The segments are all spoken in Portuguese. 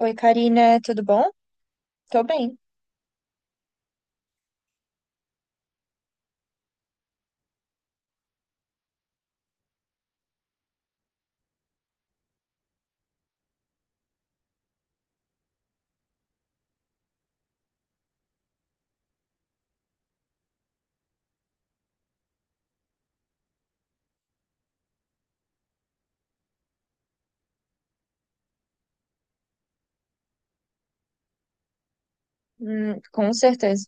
Oi, Karina, tudo bom? Tô bem. Com certeza.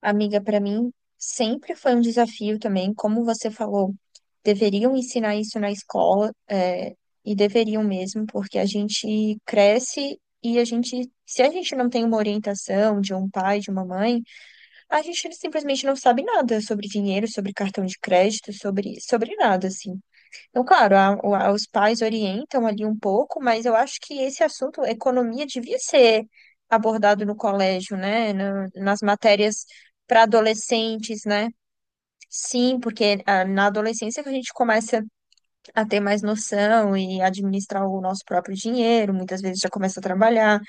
Amiga, pra mim sempre foi um desafio também. Como você falou, deveriam ensinar isso na escola, e deveriam mesmo, porque a gente cresce e se a gente não tem uma orientação de um pai, de uma mãe, a gente simplesmente não sabe nada sobre dinheiro, sobre cartão de crédito, sobre nada, assim. Então, claro, os pais orientam ali um pouco, mas eu acho que esse assunto, economia, devia ser abordado no colégio, né? Nas matérias para adolescentes, né? Sim, porque ah, na adolescência que a gente começa a ter mais noção e administrar o nosso próprio dinheiro, muitas vezes já começa a trabalhar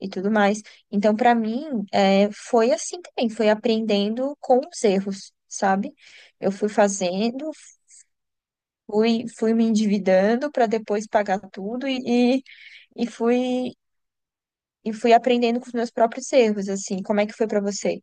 e tudo mais. Então, para mim, foi assim também, foi aprendendo com os erros, sabe? Eu fui fazendo. Fui me endividando para depois pagar tudo e fui, e fui aprendendo com os meus próprios erros, assim. Como é que foi para você?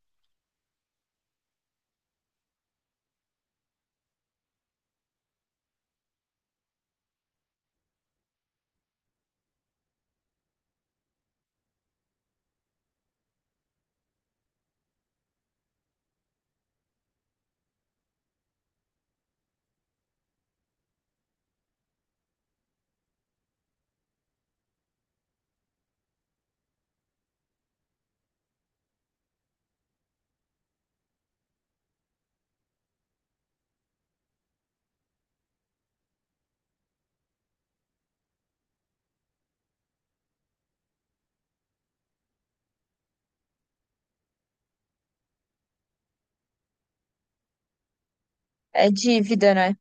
É dívida, né?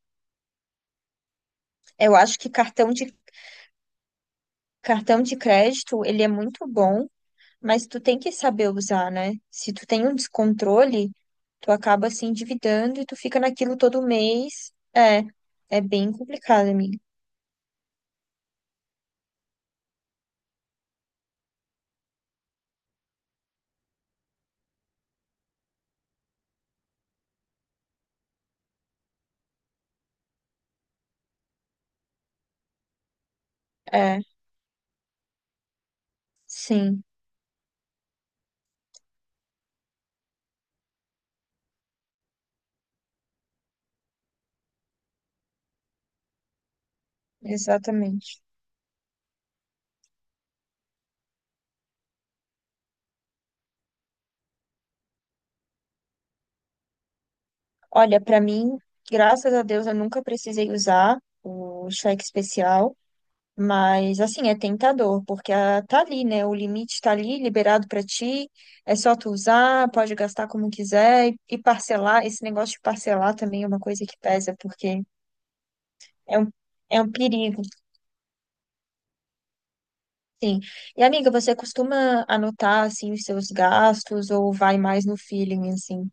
Eu acho que cartão de crédito, ele é muito bom, mas tu tem que saber usar, né? Se tu tem um descontrole, tu acaba se endividando e tu fica naquilo todo mês. É, é bem complicado, amiga. É, sim, exatamente. Olha, para mim, graças a Deus, eu nunca precisei usar o cheque especial, mas assim, é tentador, porque ah, tá ali, né? O limite tá ali, liberado para ti, é só tu usar, pode gastar como quiser e parcelar. Esse negócio de parcelar também é uma coisa que pesa, porque é um, é um perigo, sim. E amiga, você costuma anotar assim os seus gastos ou vai mais no feeling assim?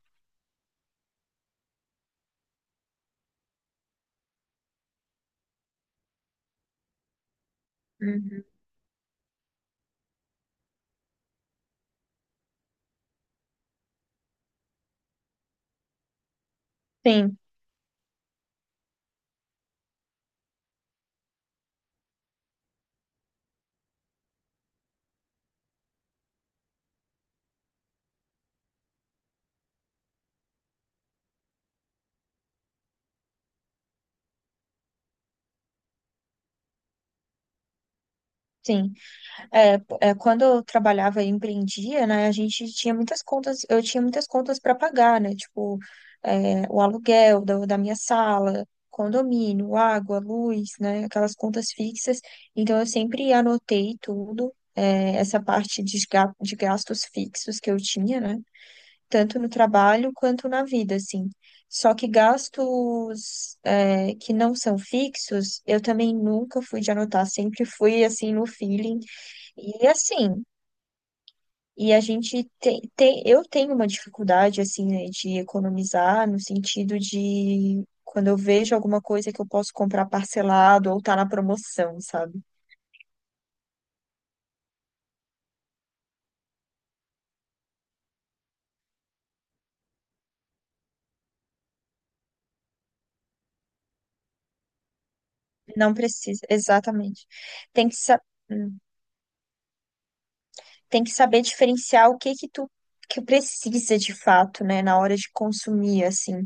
Uhum. Sim, sim. É, Quando eu trabalhava e empreendia, né, a gente tinha muitas contas, eu tinha muitas contas para pagar, né, tipo, é, o aluguel da minha sala, condomínio, água, luz, né, aquelas contas fixas. Então eu sempre anotei tudo, é, essa parte de, de gastos fixos que eu tinha, né, tanto no trabalho quanto na vida, assim. Só que gastos, é, que não são fixos, eu também nunca fui de anotar, sempre fui, assim, no feeling, e assim, e a gente tem, tem, eu tenho uma dificuldade assim, né, de economizar no sentido de quando eu vejo alguma coisa que eu posso comprar parcelado ou tá na promoção, sabe? Não precisa, exatamente. Tem que saber. Tem que saber diferenciar o que que tu que precisa de fato, né, na hora de consumir, assim.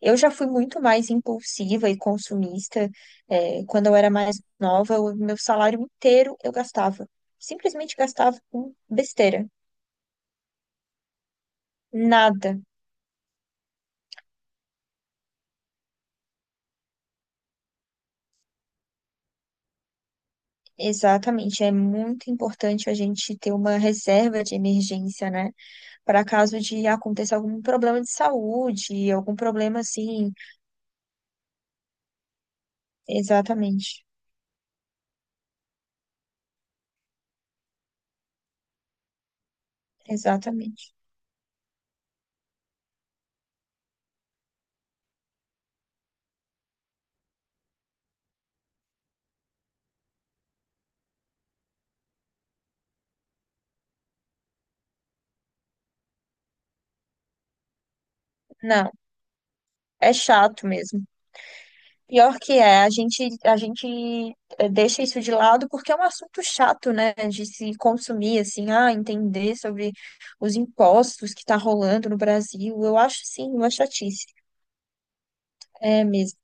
Eu já fui muito mais impulsiva e consumista. Quando eu era mais nova, o meu salário inteiro eu gastava. Simplesmente gastava com besteira. Nada. Exatamente. É muito importante a gente ter uma reserva de emergência, né? Para caso de aconteça algum problema de saúde, algum problema assim. Exatamente. Exatamente. Não. É chato mesmo. Pior que é, deixa isso de lado porque é um assunto chato, né? De se consumir, assim, ah, entender sobre os impostos que tá rolando no Brasil. Eu acho, sim, uma chatice. É mesmo.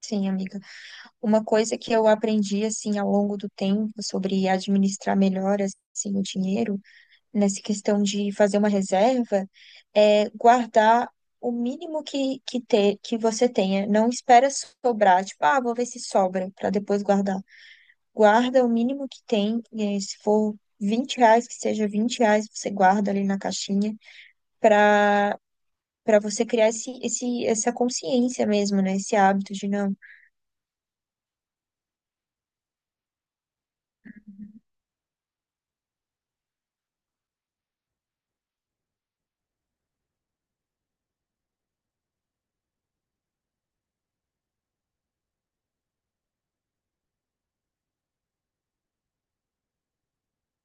Sim, amiga. Uma coisa que eu aprendi, assim, ao longo do tempo sobre administrar melhor, assim, o dinheiro nessa questão de fazer uma reserva é guardar o mínimo que você tenha. Não espera sobrar, tipo, ah, vou ver se sobra para depois guardar. Guarda o mínimo que tem, eh, se for R$ 20, que seja R$ 20, você guarda ali na caixinha para você criar essa consciência mesmo, né? Esse hábito de não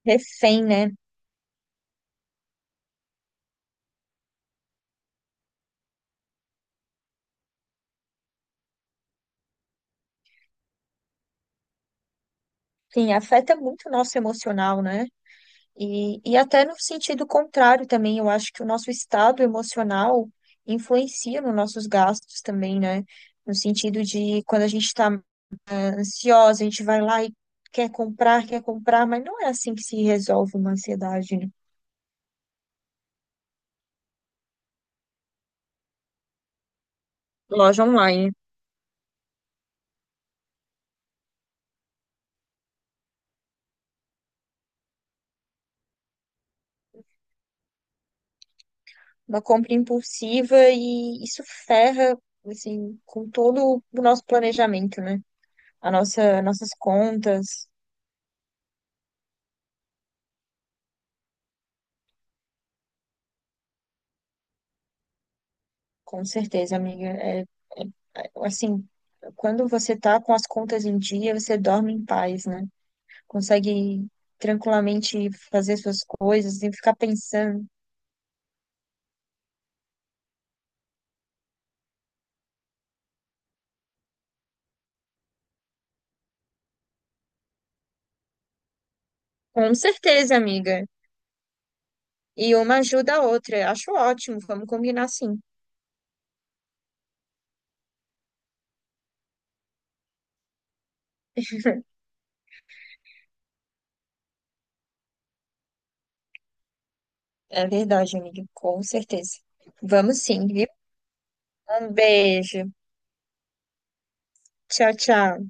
refém, né? Sim, afeta muito o nosso emocional, né? E até no sentido contrário também, eu acho que o nosso estado emocional influencia nos nossos gastos também, né? No sentido de quando a gente está ansiosa, a gente vai lá e quer comprar, mas não é assim que se resolve uma ansiedade, né? Loja online. Uma compra impulsiva e isso ferra, assim, com todo o nosso planejamento, né? A nossa, nossas contas. Com certeza, amiga. Assim, quando você tá com as contas em dia, você dorme em paz, né? Consegue tranquilamente fazer suas coisas sem ficar pensando. Com certeza, amiga. E uma ajuda a outra. Acho ótimo. Vamos combinar, sim. É verdade, amiga. Com certeza. Vamos, sim, viu? Um beijo. Tchau, tchau.